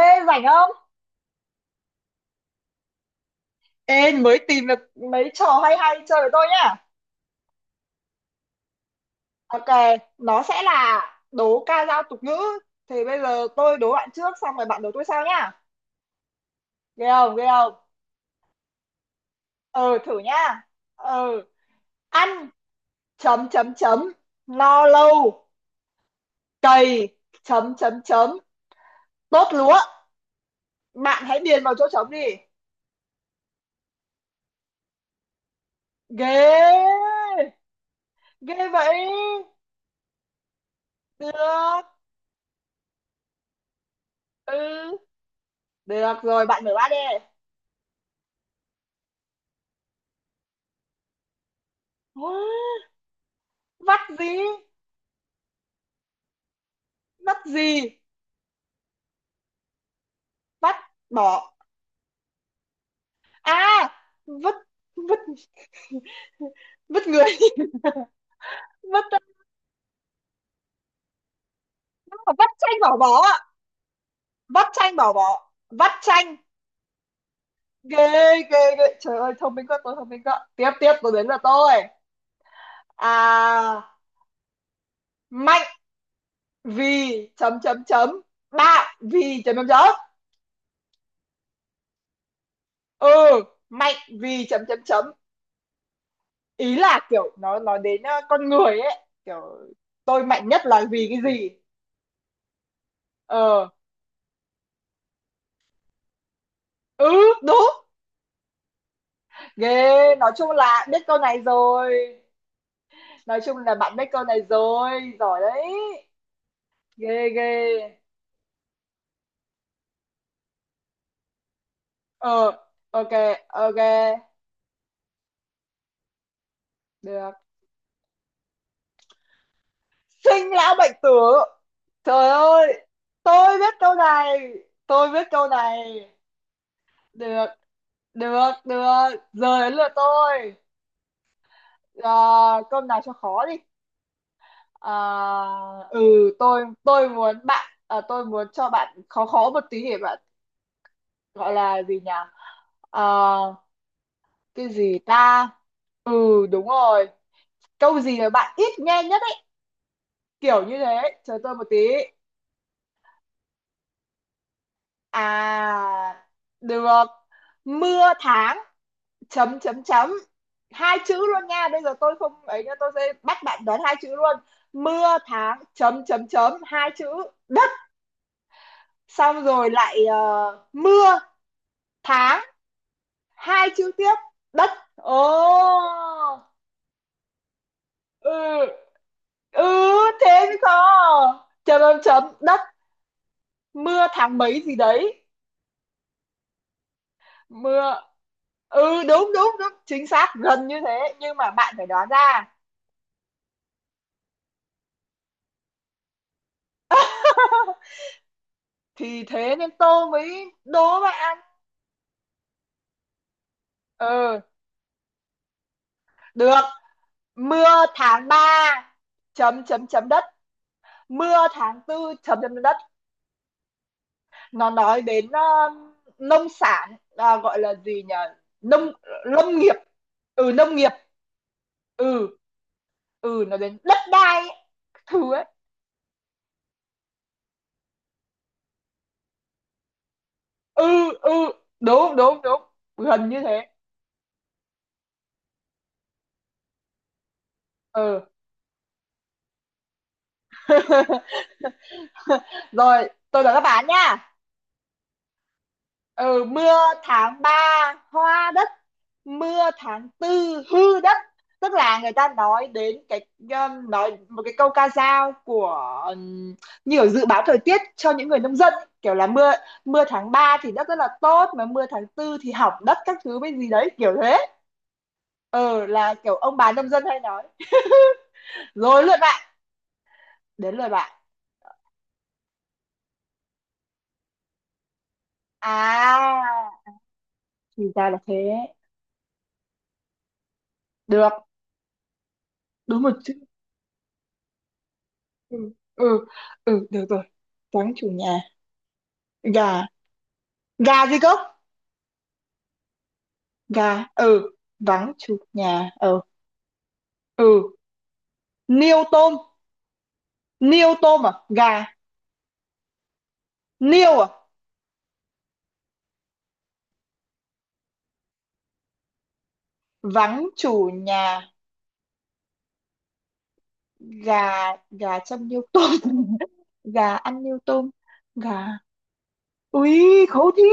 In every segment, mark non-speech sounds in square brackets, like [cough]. Ê, rảnh không? Ê, mới tìm được mấy trò hay hay chơi với tôi nhá. Ok, nó sẽ là đố ca dao tục ngữ. Thì bây giờ tôi đố bạn trước, xong rồi bạn đố tôi sau nhá. Ghê không, ghê không? Ừ, thử nhá. Ừ, ăn, chấm, chấm, chấm, no lâu, cày, chấm, chấm, chấm, tốt lúa. Bạn hãy điền vào chỗ trống đi. Ghê, ghê vậy. Được, ừ, được rồi, bạn mở bát đi. Wow! Vắt gì? Vắt gì? Vắt bỏ à? Vứt, vứt, vứt người. [laughs] vứt. Vắt chanh bỏ bó ạ. Vắt chanh bỏ bó, vắt chanh. Ghê, ghê ghê, trời ơi, thông minh quá, tôi thông minh quá. Tiếp tiếp, tôi đến là tôi, à, mạnh vì chấm chấm chấm, bạn vì chấm chấm chấm. Ừ, mạnh vì chấm chấm chấm. Ý là kiểu nó nói đến con người ấy kiểu tôi mạnh nhất là vì cái gì. Ờ. Ừ, đúng. Ghê, nói chung là biết câu này rồi. Nói chung là bạn biết câu này rồi, giỏi đấy. Ghê ghê. Ờ, ok, ok. Được. Sinh lão bệnh tử. Trời ơi, tôi biết câu này. Tôi biết câu này. Được, được, được. Giờ đến lượt tôi. À, câu nào cho khó đi. À, ừ, tôi muốn bạn, tôi muốn cho bạn khó khó một tí để bạn gọi là gì nhỉ? À, cái gì ta. Ừ, đúng rồi. Câu gì mà bạn ít nghe nhất ấy, kiểu như thế. Chờ tôi một tí. à được. Mưa tháng chấm chấm chấm, hai chữ luôn nha. Bây giờ tôi không ấy nha, tôi sẽ bắt bạn đoán hai chữ luôn. Mưa tháng chấm chấm chấm, hai chữ, đất. Xong rồi lại mưa tháng, hai chữ tiếp, đất. Ồ. Ừ, ừ, thế mới có chấm chấm chấm đất. Mưa tháng mấy gì đấy, mưa. Ừ, đúng đúng đúng, chính xác gần như thế, nhưng mà bạn phải đoán ra. [laughs] Thì thế nên tôi mới đố bạn. Ừ, được. Mưa tháng 3 chấm chấm chấm đất, mưa tháng tư chấm chấm đất. Nó nói đến nông sản à, gọi là gì nhỉ, nông, lâm nghiệp. Ừ, nông nghiệp. Ừ, ừ, nó đến đất đai các thứ ấy. Ừ, ừ, đúng đúng đúng, gần như thế. Ừ. [laughs] Rồi, tôi đợi các bạn nha. Ừ, mưa tháng 3 hoa đất, mưa tháng tư hư đất. Tức là người ta nói đến cái nói một cái câu ca dao của như kiểu dự báo thời tiết cho những người nông dân, kiểu là mưa mưa tháng 3 thì đất rất là tốt, mà mưa tháng tư thì hỏng đất các thứ với gì đấy, kiểu thế. Ờ, là kiểu ông bà nông dân hay nói. [laughs] Rồi lượt bạn, đến lượt bạn. À, thì ra là thế. Được, đúng một chữ. Ừ, ừ, ừ, được rồi. Vắng chủ nhà, gà. Gà gì cơ? Gà. Ừ, vắng chủ nhà. Ừ, ừ, niêu tôm, niêu tôm à, gà, niêu à? Vắng chủ nhà, gà. Gà châm niêu tôm? [laughs] Gà ăn niêu tôm? Gà. Ui, khấu thi.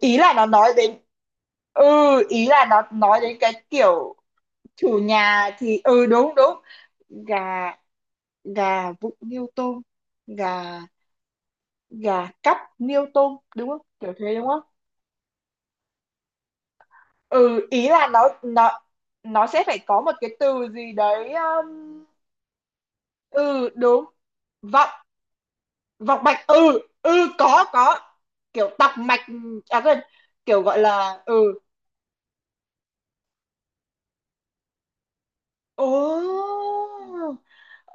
Ý là nó nói đến. Ừ, ý là nó nói đến cái kiểu chủ nhà thì, ừ, đúng đúng. Gà, gà vụng niêu tôm, gà, gà cắp niêu tôm, đúng không, kiểu thế đúng không? Ừ, ý là nó sẽ phải có một cái từ gì đấy ừ, đúng. Vọng, vọng mạch. Ừ, ừ, có, kiểu tọc mạch. À quên, kiểu gọi là. Ừ. Ồ.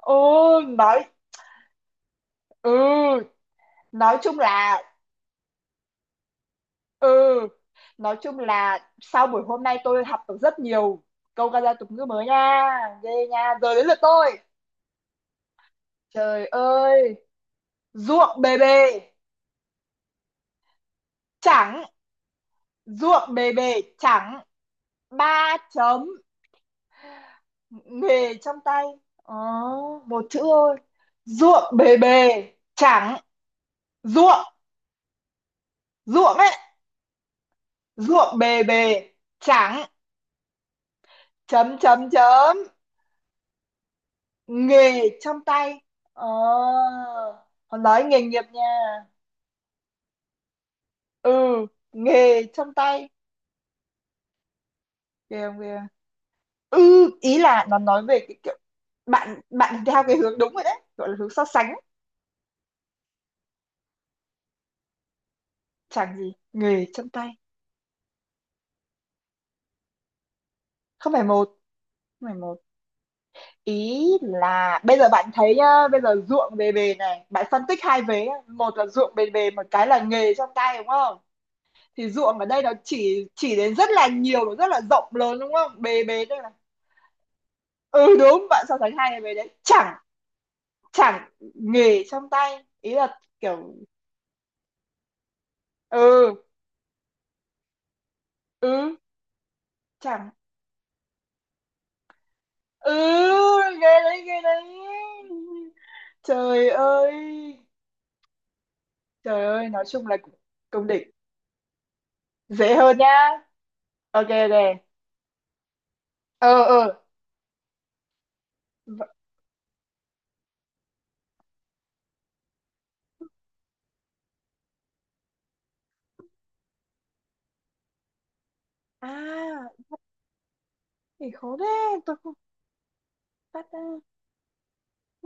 Ồ, nói. Ừ, nói chung là. Ừ, nói chung là sau buổi hôm nay tôi học được rất nhiều câu ca dao tục ngữ mới nha. Ghê nha, giờ đến lượt tôi. Trời ơi, ruộng bề bề chẳng. Ruộng bề bề chẳng ba chấm nghề trong tay. Ồ, một chữ thôi. Ruộng bề bề chẳng, ruộng, ruộng ấy. Ruộng bề bề. Chẳng chấm chấm chấm nghề trong tay. Ồ, còn nói nghề nghiệp nha. Ừ, nghề trong tay. Kìa không kìa. Ừ, ý là nó nói về cái kiểu, bạn bạn theo cái hướng đúng rồi đấy, gọi là hướng so sánh. Chẳng gì nghề chân tay. Không phải một. Không phải một. Ý là bây giờ bạn thấy nhá, bây giờ ruộng bề bề này bạn phân tích hai vế nhá. Một là ruộng bề bề, một cái là nghề trong tay, đúng không? Thì ruộng ở đây nó chỉ đến rất là nhiều, nó rất là rộng lớn đúng không, bề bề đây là. Ừ, đúng, bạn so sánh hai cái bề đấy. Chẳng. Chẳng nghề trong tay, ý là kiểu. Ừ, ừ, chẳng. Ừ, ghê đấy, ghê đấy. Trời ơi. Trời ơi, nói chung là cũng cũng đỉnh. Dễ hơn nhá. Ok, ok. Ờ, ờ. V-. À, thì khó thế. Tôi không bắt,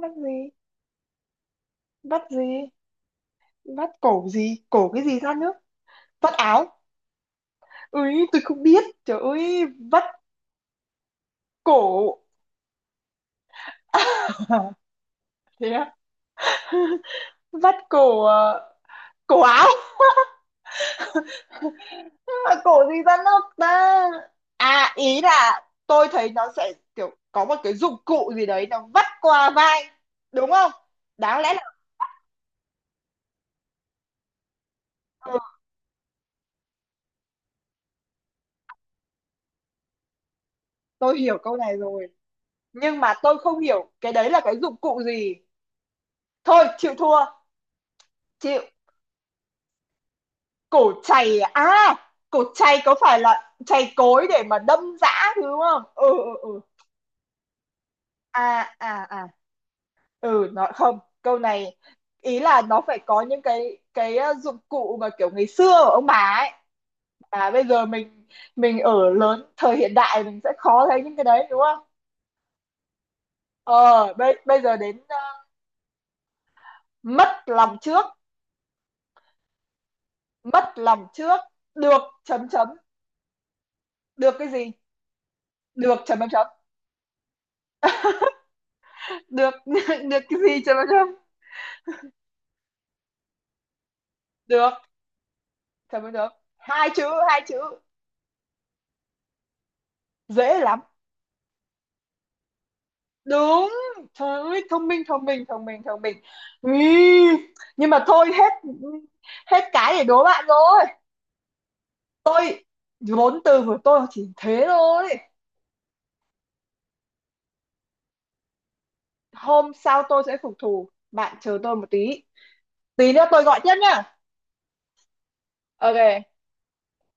bắt gì? Bắt gì? Bắt cổ gì? Cổ cái gì ra nước? Vắt áo. Ui, tôi không biết. Trời ơi, vắt cổ. [laughs] Thế á? Vắt cổ, cổ áo. Mà cổ gì ra nước ta? À, ý là tôi thấy nó sẽ kiểu có một cái dụng cụ gì đấy nó vắt qua vai. Đúng không? Đáng lẽ. Ờ, tôi hiểu câu này rồi, nhưng mà tôi không hiểu cái đấy là cái dụng cụ gì. Thôi chịu thua. Chịu. Cổ chày à? À, cổ chày có phải là chày cối để mà đâm dã thứ đúng không? Ừ, ừ, ừ. À à à. Ừ, nó không, câu này ý là nó phải có những cái dụng cụ mà kiểu ngày xưa của ông bà ấy mà bây giờ mình ở lớn thời hiện đại mình sẽ khó thấy những cái đấy đúng không? Ờ. bây bây giờ đến mất lòng trước. Mất lòng trước được chấm chấm, được cái gì? Được chấm chấm chấm. Được. [laughs] Được cái gì chấm chấm chấm? Được chấm chấm chấm, hai chữ, hai chữ, dễ lắm. Đúng. Trời ơi, thông minh thông minh thông minh thông minh. Ý, nhưng mà thôi, hết, hết cái để đố bạn rồi. Tôi, vốn từ của tôi chỉ thế thôi. Hôm sau tôi sẽ phục thù, bạn chờ tôi một tí. Tí nữa tôi gọi tiếp nhá. Ok.